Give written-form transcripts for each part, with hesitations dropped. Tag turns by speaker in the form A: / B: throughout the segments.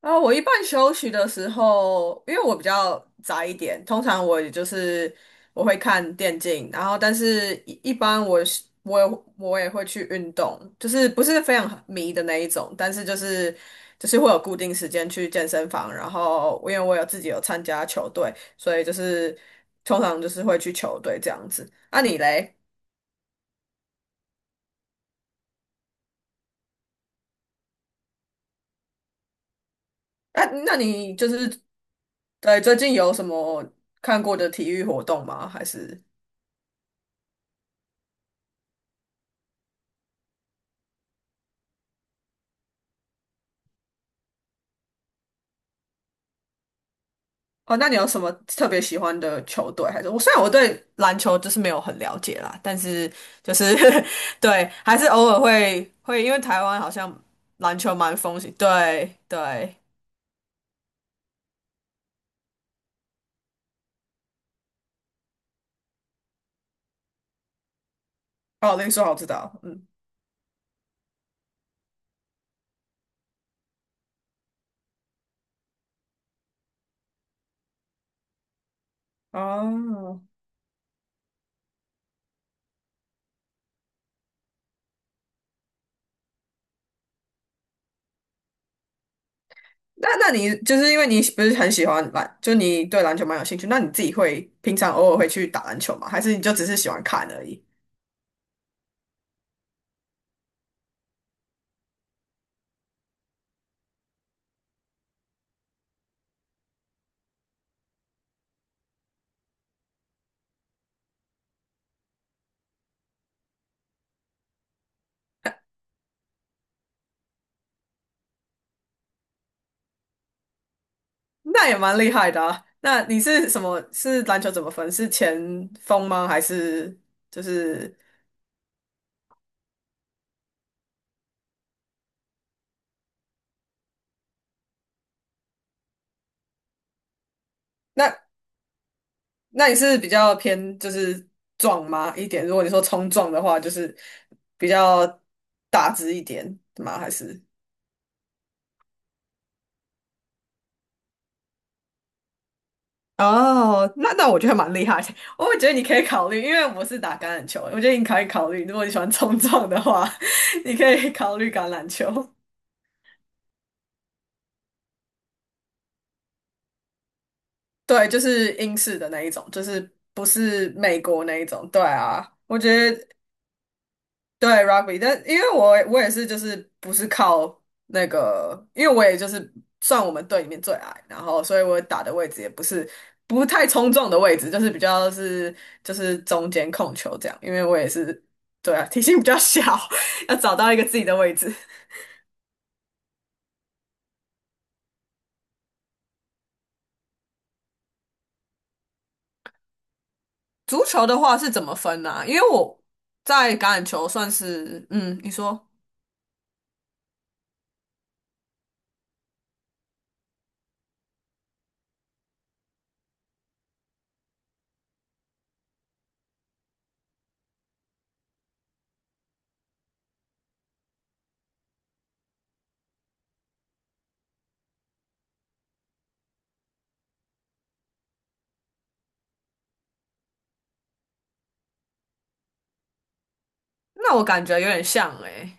A: 啊，我一般休息的时候，因为我比较宅一点，通常我也就是我会看电竞，然后但是一般我也会去运动，就是不是非常迷的那一种，但是就是会有固定时间去健身房，然后因为我自己有参加球队，所以就是通常就是会去球队这样子。那、你嘞？啊，那你就是对最近有什么看过的体育活动吗？还是？哦，那你有什么特别喜欢的球队？还是虽然我对篮球就是没有很了解啦，但是就是 对，还是偶尔会，因为台湾好像篮球蛮风行。对对，哦，林书豪知道，嗯，哦，那你就是因为你不是很喜欢篮，就你对篮球蛮有兴趣，那你自己会平常偶尔会去打篮球吗？还是你就只是喜欢看而已？那也蛮厉害的啊。那你是什么？是篮球怎么分？是前锋吗？还是就是？那那你是比较偏就是壮吗一点？如果你说冲撞的话，就是比较大只一点吗？还是？哦，那我觉得蛮厉害的 我会觉得你可以考虑，因为我是打橄榄球，我觉得你可以考虑，如果你喜欢冲撞的话，你可以考虑橄榄球。对，就是英式的那一种，就是不是美国那一种。对啊，我觉得对 rugby，但因为我也是就是不是靠那个，因为我也就是算我们队里面最矮，然后所以我打的位置也不是不太冲撞的位置，就是比较是就是中间控球这样，因为我也是对啊，体型比较小，要找到一个自己的位置。足球的话是怎么分呢、因为我在橄榄球算是嗯，你说，那我感觉有点像诶、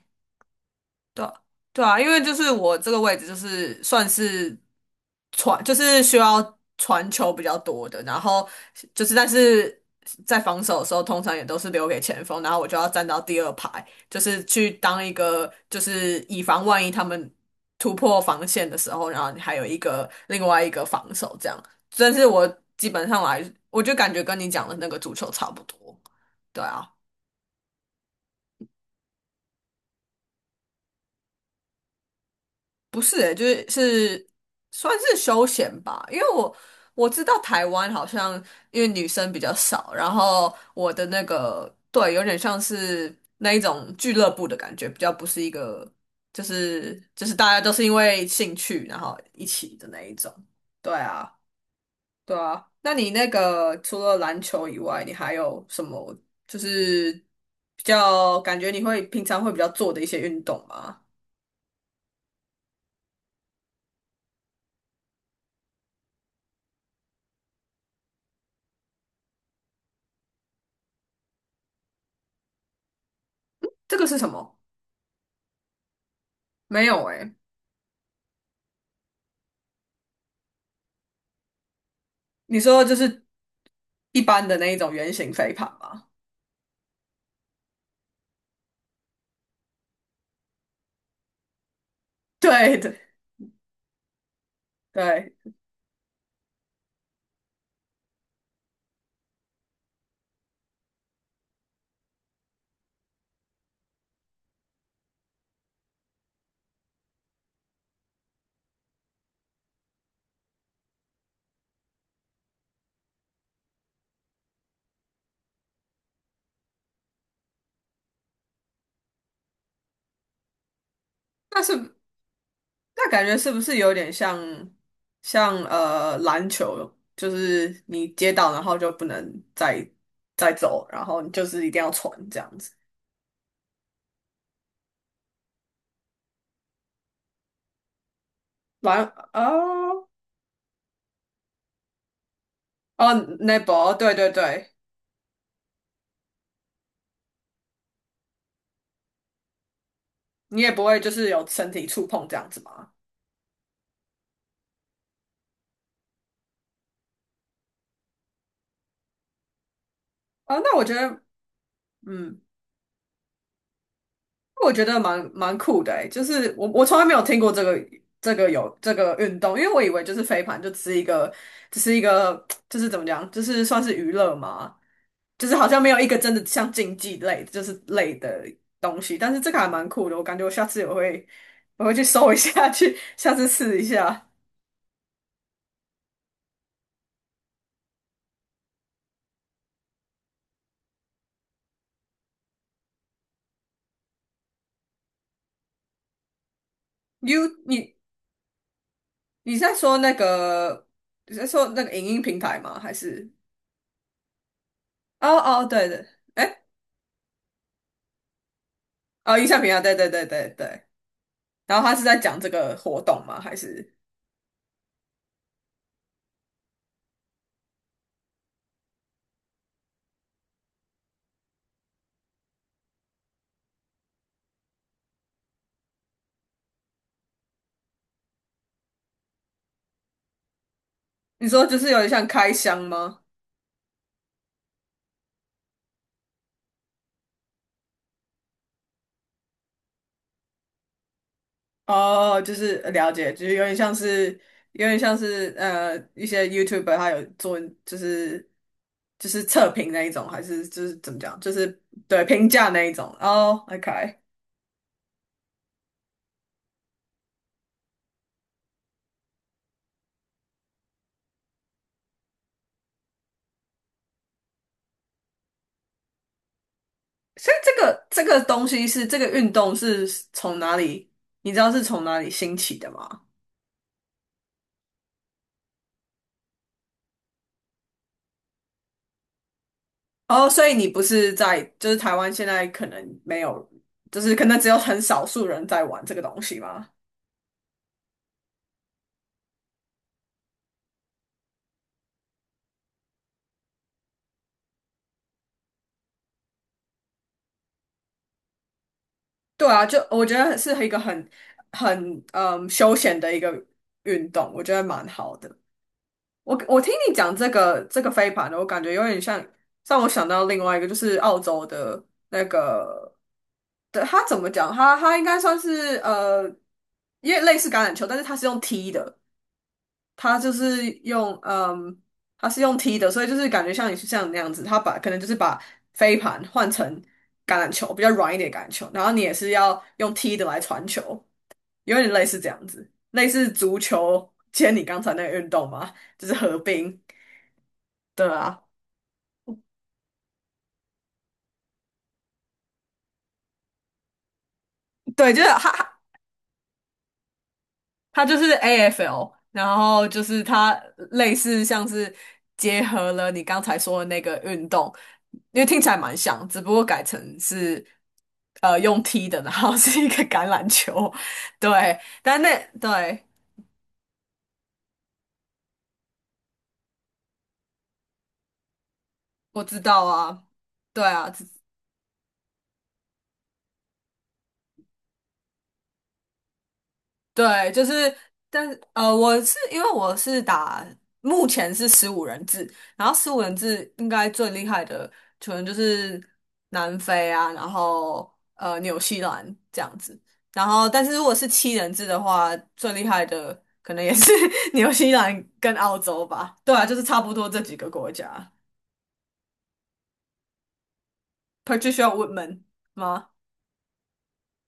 A: 对啊对啊，因为就是我这个位置就是算是传，就是需要传球比较多的，然后就是但是在防守的时候，通常也都是留给前锋，然后我就要站到第二排，就是去当一个就是以防万一他们突破防线的时候，然后你还有一个另外一个防守这样。但是我基本上来，我就感觉跟你讲的那个足球差不多，对啊。不是欸，就是是算是休闲吧，因为我知道台湾好像因为女生比较少，然后我的那个对，有点像是那一种俱乐部的感觉，比较不是一个就是大家都是因为兴趣然后一起的那一种。对啊，对啊。那你那个除了篮球以外，你还有什么就是比较感觉你会平常会比较做的一些运动吗？这个是什么？没有诶、你说就是一般的那一种圆形飞盘吗？对对对，那是那感觉是不是有点像像篮球，就是你接到然后就不能再走，然后你就是一定要传这样子。篮哦哦那波，对对对，你也不会就是有身体触碰这样子吗？啊、那我觉得嗯。我觉得蛮酷的欸，就是我从来没有听过这个有这个运动，因为我以为就是飞盘就只是一个就是怎么讲，就是算是娱乐嘛，就是好像没有一个真的像竞技类就是类的东西，但是这个还蛮酷的，我感觉我下次我会去搜一下，去下次试一下。你你你在说那个在说那个影音平台吗？还是哦哦对对，哎哦影像平台，对对对对对。然后他是在讲这个活动吗？还是你说就是有点像开箱吗？哦，就是了解，就是有点像是一些 YouTuber 他有做就是就是测评那一种，还是就是怎么讲，就是对评价那一种。哦，OK，所以这个东西是这个运动是从哪里？你知道是从哪里兴起的吗？哦，所以你不是在，就是台湾现在可能没有，就是可能只有很少数人在玩这个东西吗？对啊，就我觉得是一个很嗯休闲的一个运动，我觉得蛮好的。我听你讲这个飞盘的，我感觉有点像让我想到另外一个，就是澳洲的那个的，它怎么讲？他应该算是，因为类似橄榄球，但是他是用踢的，他就是用嗯，他是用踢的，所以就是感觉像像你那样子，他把可能就是把飞盘换成橄榄球，比较软一点的橄榄球，然后你也是要用踢的来传球。有点类似这样子，类似足球兼你刚才那个运动嘛，就是合并。对啊，对，就是它，它就是 AFL，然后就是它类似像是结合了你刚才说的那个运动，因为听起来蛮像，只不过改成是用踢的，然后是一个橄榄球，对，但那对我知道啊，对啊，对，就是，但是，我是因为我是打，目前是十五人制，然后十五人制应该最厉害的可能就是南非啊，然后纽西兰这样子，然后但是如果是七人制的话，最厉害的可能也是 纽西兰跟澳洲吧，对啊，就是差不多这几个国家，Patricia Woodman 吗？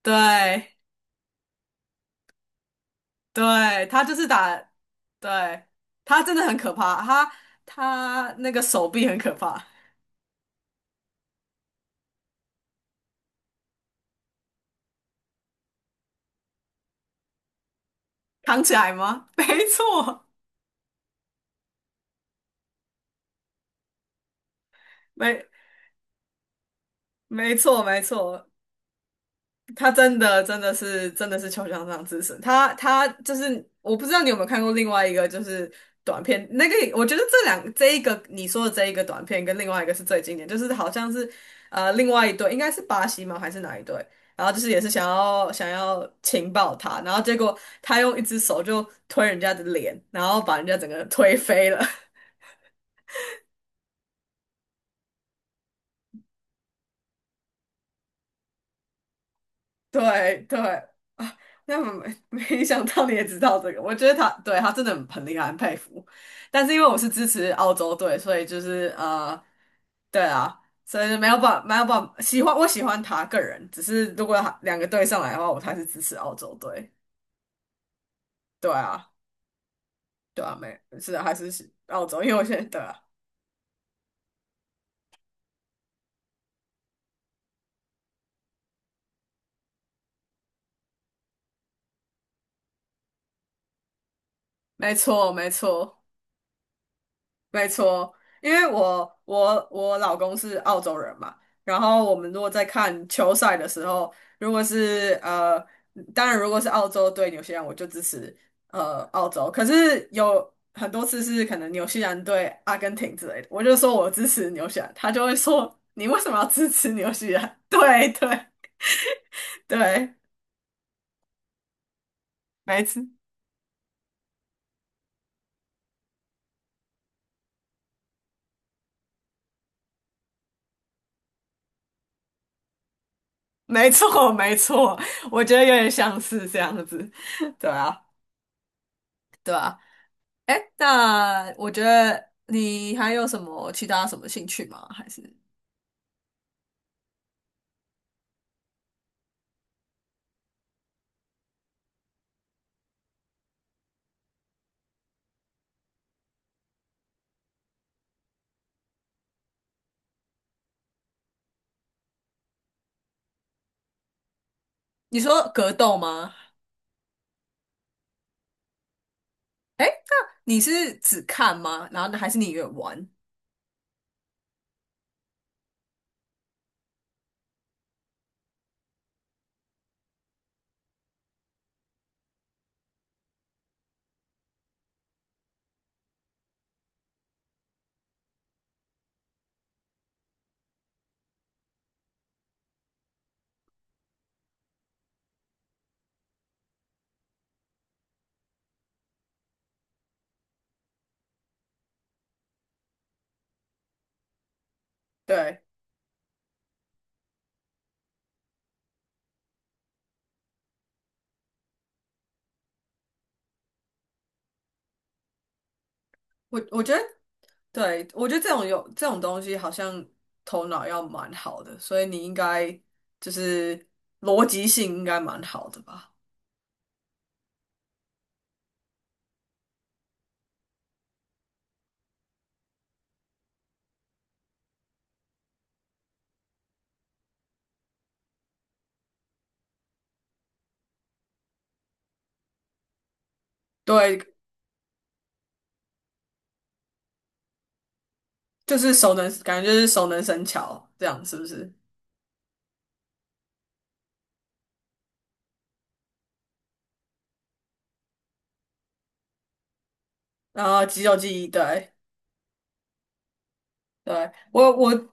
A: 对。对，他就是打，对，他真的很可怕，他那个手臂很可怕，扛起来吗？没错，没没错没错，他真的是球场上之神，他就是我不知道你有没有看过另外一个就是短片，那个我觉得这一个你说的这一个短片跟另外一个是最经典，就是好像是另外一对，应该是巴西吗还是哪一对？然后就是也是想要情报他，然后结果他用一只手就推人家的脸，然后把人家整个人推飞了。对对啊，那么没 没想到你也知道这个，我觉得他真的很厉害，很佩服。但是因为我是支持澳洲队，所以就是，对啊，所以就没有办法喜欢我喜欢他个人，只是如果他两个队上来的话，我还是支持澳洲队。对啊，对啊，没是的，还是喜澳洲，因为我现在对啊，没错没错。没错，因为我老公是澳洲人嘛，然后我们如果在看球赛的时候，如果是，当然如果是澳洲对纽西兰，我就支持澳洲。可是有很多次是可能纽西兰对阿根廷之类的，我就说我支持纽西兰，他就会说你为什么要支持纽西兰？对对对，没错没错没错，我觉得有点像是这样子，对啊对啊。哎，那我觉得你还有什么其他什么兴趣吗？还是你说格斗吗？哎，那你是只看吗？然后呢还是你也玩？对，我觉得，对，我觉得这种有这种东西，好像头脑要蛮好的，所以你应该就是逻辑性应该蛮好的吧？对，就是熟能，感觉就是熟能生巧这样，是不是？然后肌肉记忆，对对，我。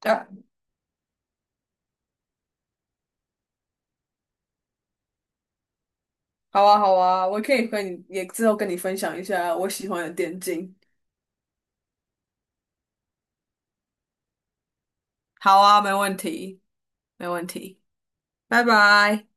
A: 呃好啊，好啊，我可以和你也之后跟你分享一下我喜欢的电竞。好啊，没问题，没问题，拜拜。